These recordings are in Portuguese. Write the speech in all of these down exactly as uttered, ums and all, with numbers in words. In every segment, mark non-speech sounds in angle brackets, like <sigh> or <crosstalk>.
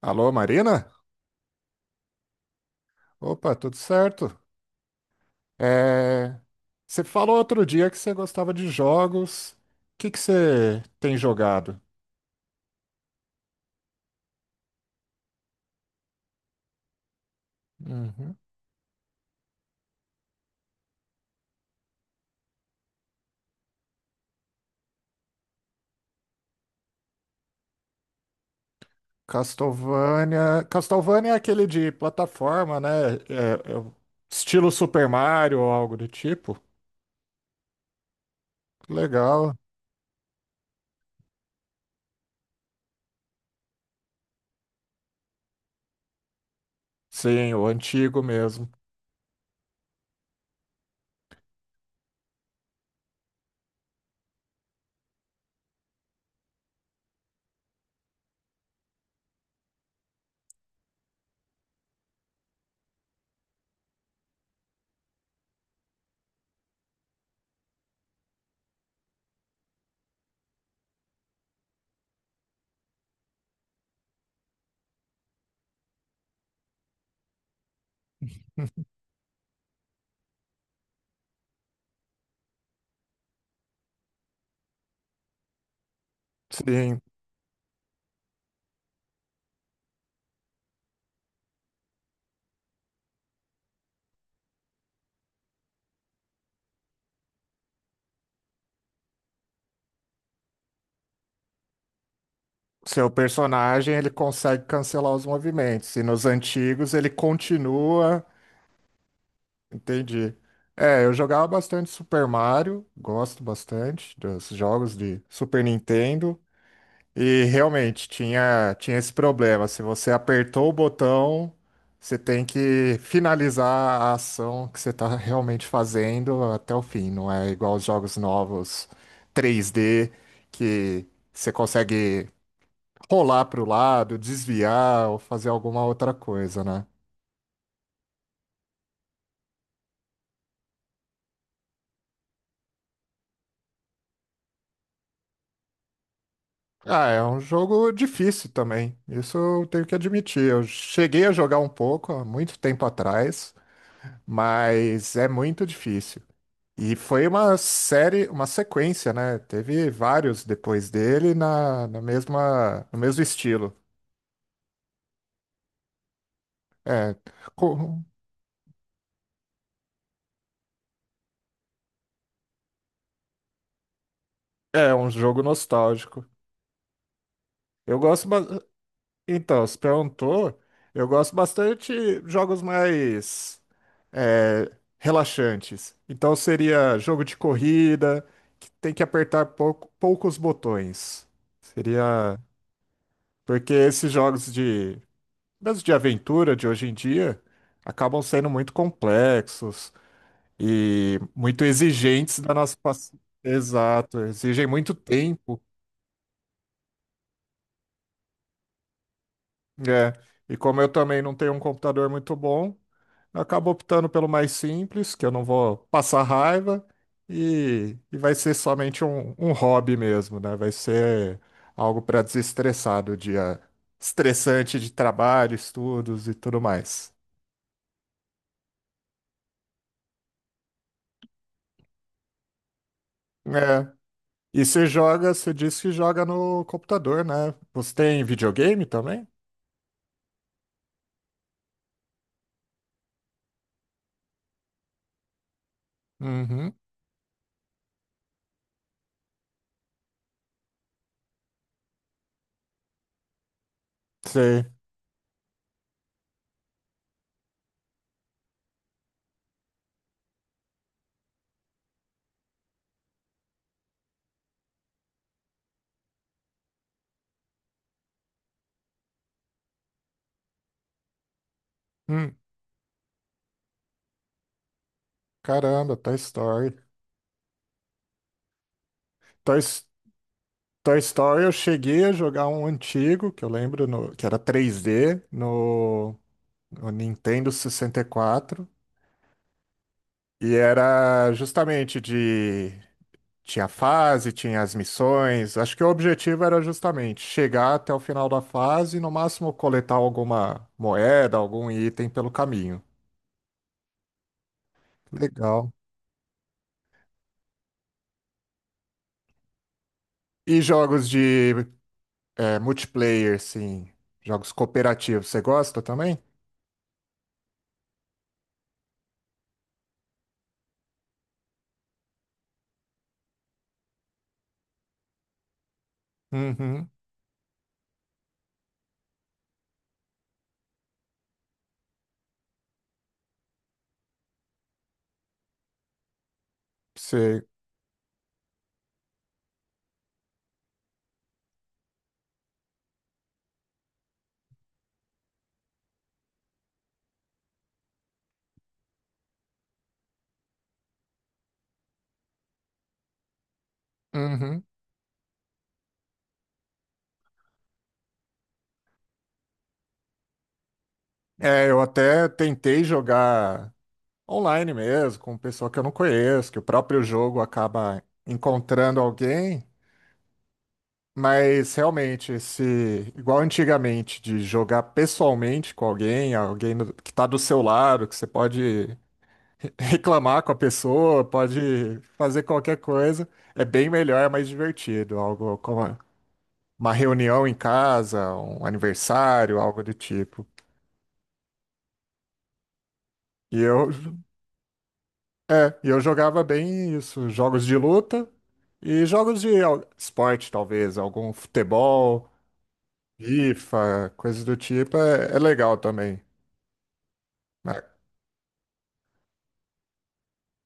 Alô, Marina? Opa, tudo certo? É, Você falou outro dia que você gostava de jogos. O que que você tem jogado? Uhum. Castlevania. Castlevania é aquele de plataforma, né? É- é o estilo Super Mario ou algo do tipo. Legal. Sim, o antigo mesmo. <laughs> Sim, seu personagem ele consegue cancelar os movimentos. E nos antigos ele continua. Entendi. É, eu jogava bastante Super Mario, gosto bastante dos jogos de Super Nintendo, e realmente tinha, tinha esse problema. Se você apertou o botão, você tem que finalizar a ação que você está realmente fazendo até o fim. Não é igual os jogos novos três D, que você consegue rolar para o lado, desviar ou fazer alguma outra coisa, né? Ah, é um jogo difícil também. Isso eu tenho que admitir. Eu cheguei a jogar um pouco há muito tempo atrás, mas é muito difícil. E foi uma série, uma sequência, né? Teve vários depois dele na, na mesma, no mesmo estilo. É, co- É um jogo nostálgico. Eu gosto, ba- Então, se perguntou, eu gosto bastante de jogos mais é, relaxantes. Então seria jogo de corrida, que tem que apertar pouco- poucos botões. Seria. Porque esses jogos de, mesmo de aventura de hoje em dia acabam sendo muito complexos e muito exigentes da nossa paci- Exato, exigem muito tempo, né? E como eu também não tenho um computador muito bom, eu acabo optando pelo mais simples, que eu não vou passar raiva e, e vai ser somente um, um hobby mesmo, né? Vai ser algo para desestressar do dia estressante de trabalho, estudos e tudo mais. É. E você joga, você disse que joga no computador, né? Você tem videogame também? Uhum. Sei. Hum, caramba, Toy Story. Toy, S- Toy Story eu cheguei a jogar um antigo, que eu lembro no- que era três D, no o Nintendo sessenta e quatro, e quatro. E era justamente de, tinha fase, tinha as missões. Acho que o objetivo era justamente chegar até o final da fase e, no máximo, coletar alguma moeda, algum item pelo caminho. Legal. E jogos de é, multiplayer, sim. Jogos cooperativos. Você gosta também? Uhum. Você. Uhum. É, eu até tentei jogar online mesmo, com pessoa que eu não conheço, que o próprio jogo acaba encontrando alguém, mas realmente esse, igual antigamente, de jogar pessoalmente com alguém, alguém do- que está do seu lado, que você pode <laughs> reclamar com a pessoa, pode fazer qualquer coisa, é bem melhor, é mais divertido, algo como uma reunião em casa, um aniversário, algo do tipo. E eu É, e eu jogava bem isso, jogos de luta e jogos de al- esporte, talvez, algum futebol, FIFA, coisas do tipo, é, é legal também. Mas-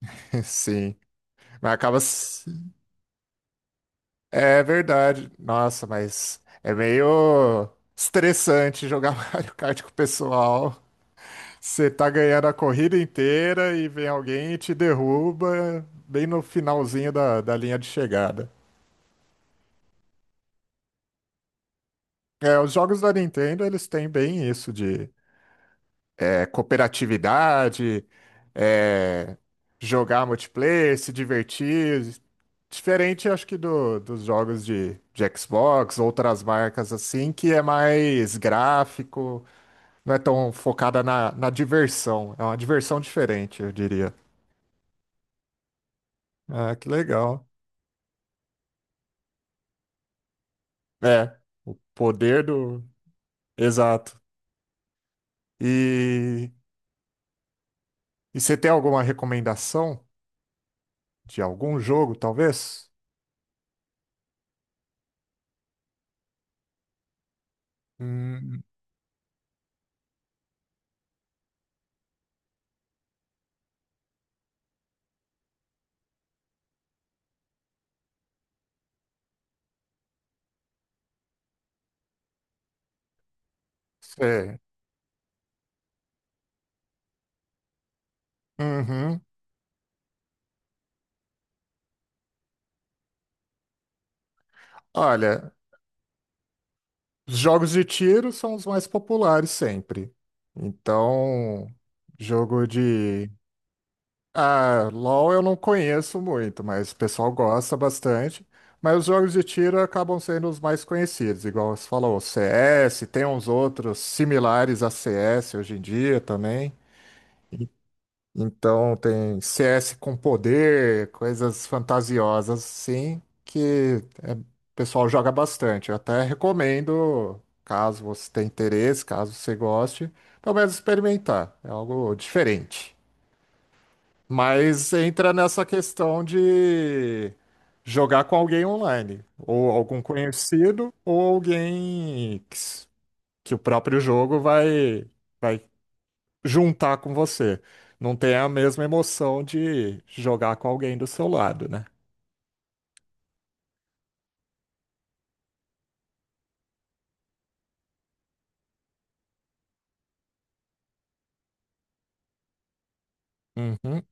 <laughs> sim, mas acaba. Se- É verdade, nossa, mas é meio estressante jogar <laughs> Mario Kart com o pessoal. Você tá ganhando a corrida inteira e vem alguém e te derruba bem no finalzinho da, da linha de chegada. É, os jogos da Nintendo, eles têm bem isso de é, cooperatividade, é, jogar multiplayer, se divertir. Diferente, acho que, do- dos jogos de, de Xbox, outras marcas assim, que é mais gráfico, não é tão focada na, na diversão. É uma diversão diferente, eu diria. Ah, que legal. É, o poder do. Exato. E, e você tem alguma recomendação de algum jogo, talvez? Hum, sei. Olha, os jogos de tiro são os mais populares sempre. Então, jogo de. Ah, LoL eu não conheço muito, mas o pessoal gosta bastante. Mas os jogos de tiro acabam sendo os mais conhecidos, igual você falou, C S, tem uns outros similares a C S hoje em dia também. Então tem C S com poder, coisas fantasiosas assim, que é, o pessoal joga bastante. Eu até recomendo, caso você tenha interesse, caso você goste, pelo menos experimentar. É algo diferente. Mas entra nessa questão de jogar com alguém online, ou algum conhecido, ou alguém que, s- que o próprio jogo vai, vai juntar com você. Não tem a mesma emoção de jogar com alguém do seu lado, né? Uhum.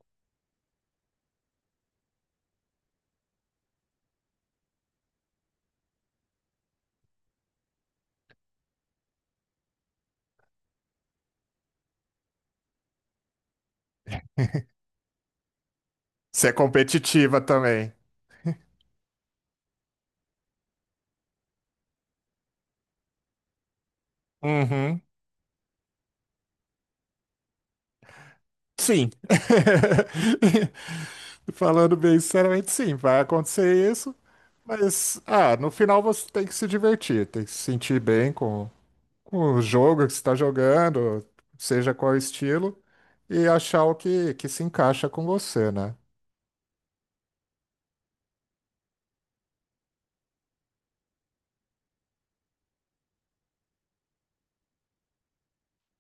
Ser competitiva também. Uhum. Sim. <laughs> Falando bem sinceramente, sim, vai acontecer isso, mas ah, no final você tem que se divertir, tem que se sentir bem com, com o jogo que você está jogando, seja qual estilo, e achar o que, que se encaixa com você, né?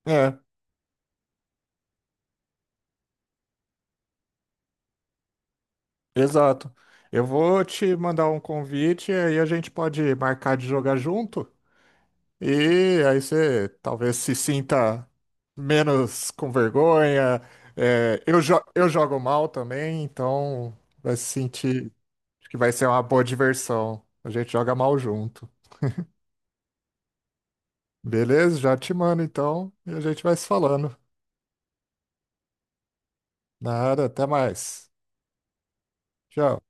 É. Exato. Eu vou te mandar um convite e aí a gente pode marcar de jogar junto. E aí você talvez se sinta menos com vergonha. É, eu, jo- eu jogo mal também, então vai se sentir acho que vai ser uma boa diversão. A gente joga mal junto. Beleza? Já te mando então e a gente vai se falando. Nada, até mais. Tchau.